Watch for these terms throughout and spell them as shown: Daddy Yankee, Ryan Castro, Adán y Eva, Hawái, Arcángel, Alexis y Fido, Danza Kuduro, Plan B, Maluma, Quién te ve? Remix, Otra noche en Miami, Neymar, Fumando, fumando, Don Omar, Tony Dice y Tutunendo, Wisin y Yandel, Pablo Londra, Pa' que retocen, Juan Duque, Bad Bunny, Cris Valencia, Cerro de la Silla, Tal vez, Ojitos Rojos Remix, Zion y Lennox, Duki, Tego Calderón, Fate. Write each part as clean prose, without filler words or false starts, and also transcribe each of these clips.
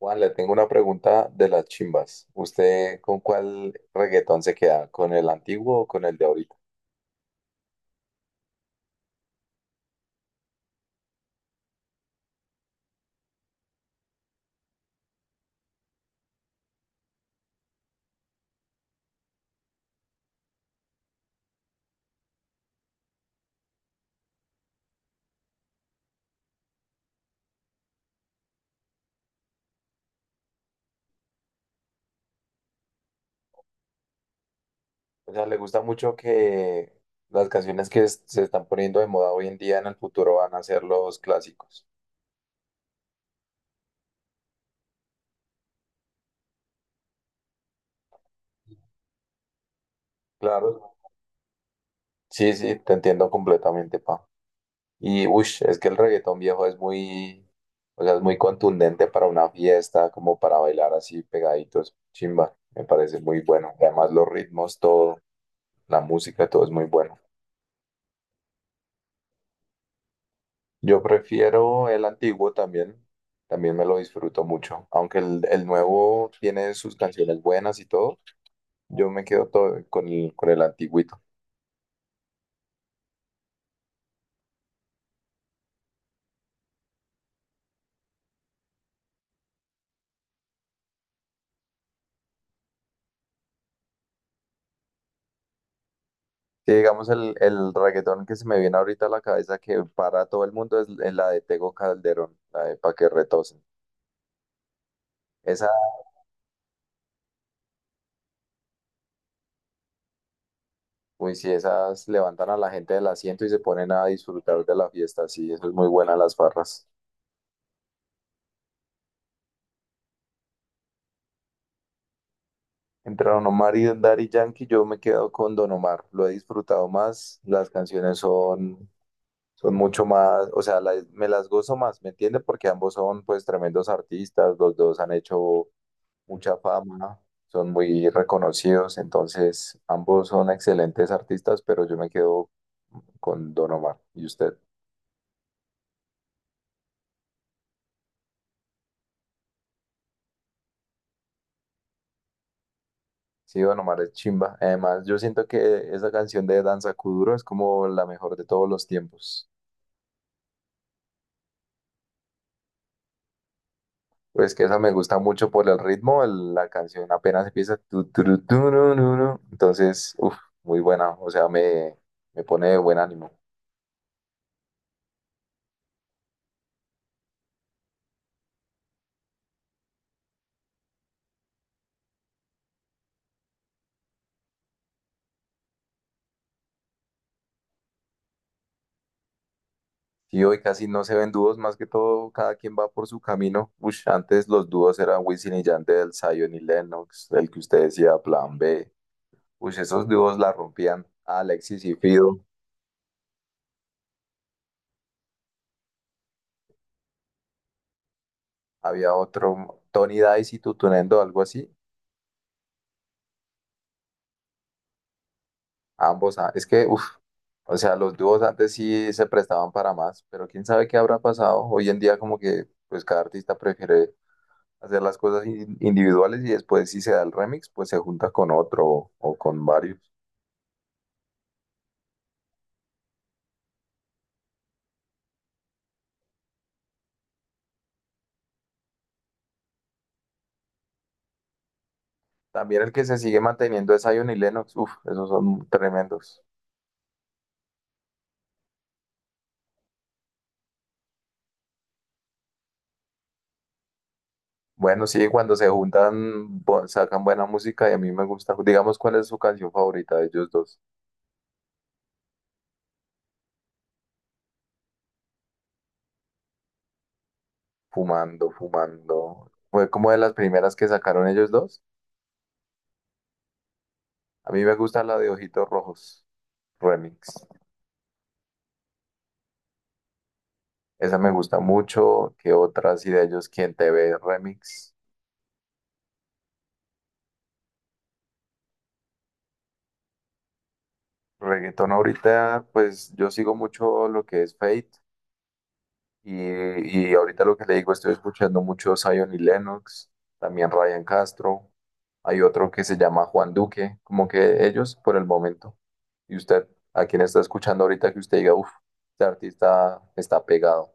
Juan, le tengo una pregunta de las chimbas. ¿Usted con cuál reggaetón se queda? ¿Con el antiguo o con el de ahorita? O sea, ¿le gusta mucho que las canciones que se están poniendo de moda hoy en día en el futuro van a ser los clásicos? Claro. Sí, sí, te entiendo completamente, pa. Y, uff, es que el reggaetón viejo es muy, o sea, es muy contundente para una fiesta, como para bailar así pegaditos. Chimba, me parece muy bueno. Además, los ritmos, todo, la música, todo es muy bueno. Yo prefiero el antiguo también, también me lo disfruto mucho, aunque el nuevo tiene sus canciones buenas y todo, yo me quedo todo con el antiguito. Sí, digamos el reggaetón que se me viene ahorita a la cabeza que para todo el mundo es la de Tego Calderón, la de Pa' que retocen. Esa, uy, sí, esas levantan a la gente del asiento y se ponen a disfrutar de la fiesta, sí, eso es muy buena las farras. Entre Don Omar y Daddy Yankee, yo me quedo con Don Omar. Lo he disfrutado más. Las canciones son mucho más, o sea, me las gozo más, ¿me entiende? Porque ambos son pues tremendos artistas, los dos han hecho mucha fama, son muy reconocidos, entonces ambos son excelentes artistas, pero yo me quedo con Don Omar. ¿Y usted? Sí, Don Omar es chimba. Además, yo siento que esa canción de Danza Kuduro es como la mejor de todos los tiempos. Pues que esa me gusta mucho por el ritmo, la canción apenas empieza. Tu, ru, ru, ru. Entonces, uff, muy buena, o sea, me pone de buen ánimo. Y hoy casi no se ven dúos, más que todo cada quien va por su camino. Ush, antes los dúos eran Wisin y Yandel, Zion y Lennox, el que usted decía, Plan B. Ush, esos dúos la rompían. Alexis y Fido, había otro, Tony Dice y Tutunendo, algo así. Ambos, ah, es que, uff, o sea, los dúos antes sí se prestaban para más, pero quién sabe qué habrá pasado. Hoy en día como que, pues cada artista prefiere hacer las cosas individuales y después si se da el remix, pues se junta con otro o con varios. También el que se sigue manteniendo es Zion y Lennox. Uf, esos son tremendos. Bueno, sí, cuando se juntan sacan buena música y a mí me gusta. Digamos, ¿cuál es su canción favorita de ellos dos? Fumando, fumando. Fue como de las primeras que sacaron ellos dos. A mí me gusta la de Ojitos Rojos Remix. Esa me gusta mucho. ¿Qué otras? Y de ellos, ¿Quién te ve? Remix. Reggaetón ahorita, pues yo sigo mucho lo que es Fate. Y ahorita lo que le digo, estoy escuchando mucho Zion y Lennox, también Ryan Castro. Hay otro que se llama Juan Duque, como que ellos por el momento. ¿Y usted, a quién está escuchando ahorita que usted diga, uff, este artista está pegado?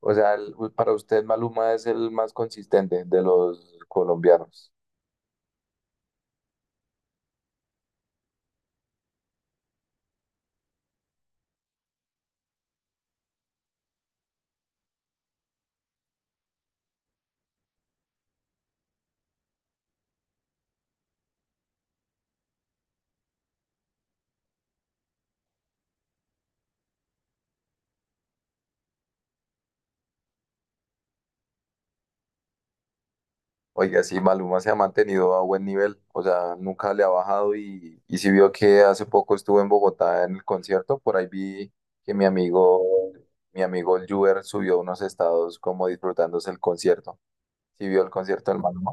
O sea, para usted Maluma es el más consistente de los colombianos. Oiga, sí, Maluma se ha mantenido a buen nivel, o sea, nunca le ha bajado y si vio que hace poco estuvo en Bogotá en el concierto, por ahí vi que mi amigo el Juber subió unos estados como disfrutándose el concierto. Si vio el concierto del Maluma.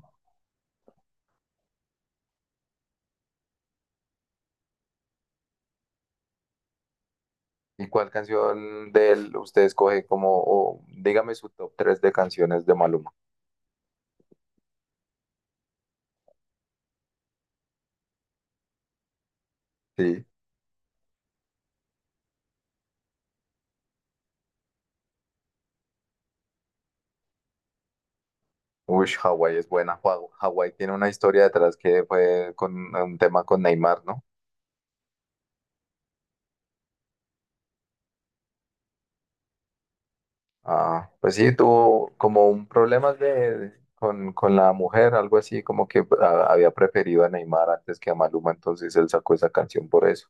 ¿Y cuál canción de él usted escoge como, o dígame su top 3 de canciones de Maluma? Sí. Uy, Hawái es buena. Hawái Hawái tiene una historia detrás que fue con un tema con Neymar, ¿no? Ah, pues sí, tuvo como un problema de, con la mujer, algo así, como que había preferido a Neymar antes que a Maluma, entonces él sacó esa canción por eso.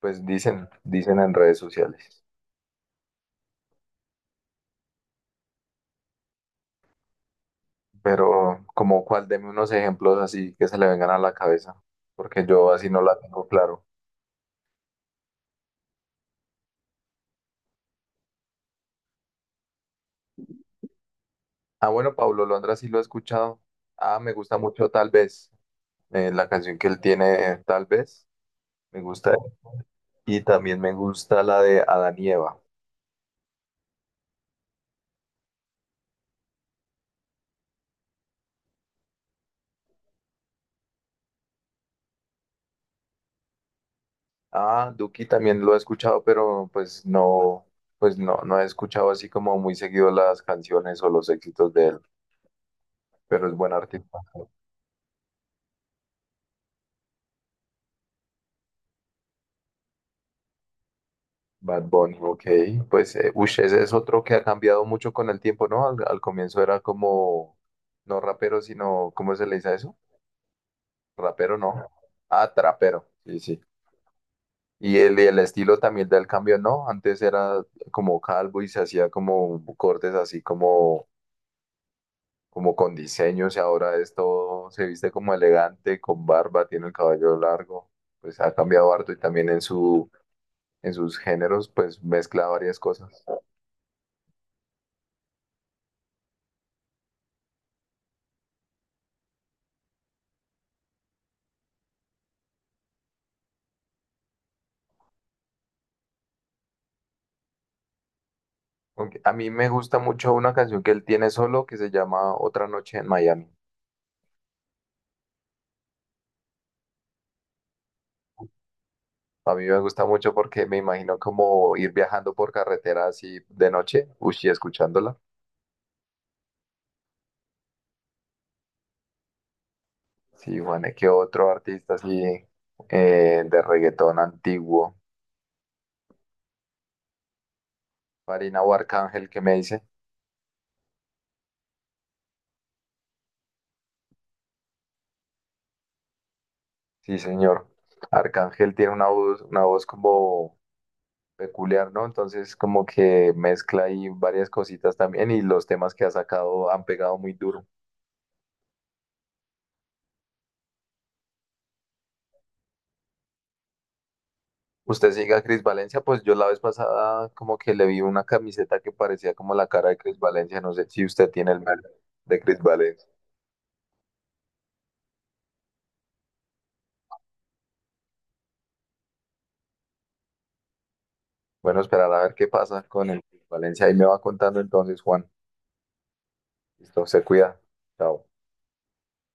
Pues dicen, dicen en redes sociales. Pero como cuál, deme unos ejemplos así que se le vengan a la cabeza, porque yo así no la tengo claro. Ah, bueno, Pablo Londra sí lo he escuchado. Ah, me gusta mucho Tal vez, la canción que él tiene, Tal vez, me gusta. Y también me gusta la de Adán y Eva. Ah, Duki también lo he escuchado, pero pues no, no he escuchado así como muy seguido las canciones o los éxitos de él, pero es buen artista. Bad Bunny, ok. Pues, ush, ese es otro que ha cambiado mucho con el tiempo, ¿no? Al comienzo era como, no rapero, sino, ¿cómo se le dice a eso? Rapero, no. Ah, trapero, sí, sí. Y el estilo también del cambio, ¿no? Antes era como calvo y se hacía como cortes así como como con diseños y ahora es todo, se viste como elegante, con barba, tiene el cabello largo, pues ha cambiado harto y también en su, en sus géneros pues mezcla varias cosas. Aunque a mí me gusta mucho una canción que él tiene solo que se llama Otra noche en Miami. A mí me gusta mucho porque me imagino como ir viajando por carretera así de noche, uchi, escuchándola. Sí, Juan, ¿qué otro artista así de reggaetón antiguo? Marina o Arcángel, ¿qué me dice? Sí, señor. Arcángel tiene una voz como peculiar, ¿no? Entonces como que mezcla ahí varias cositas también y los temas que ha sacado han pegado muy duro. Usted sigue a Cris Valencia, pues yo la vez pasada como que le vi una camiseta que parecía como la cara de Cris Valencia. No sé si usted tiene el mal de Cris Valencia. Bueno, esperar a ver qué pasa con el Cris Valencia. Ahí me va contando entonces, Juan. Listo, se cuida. Chao.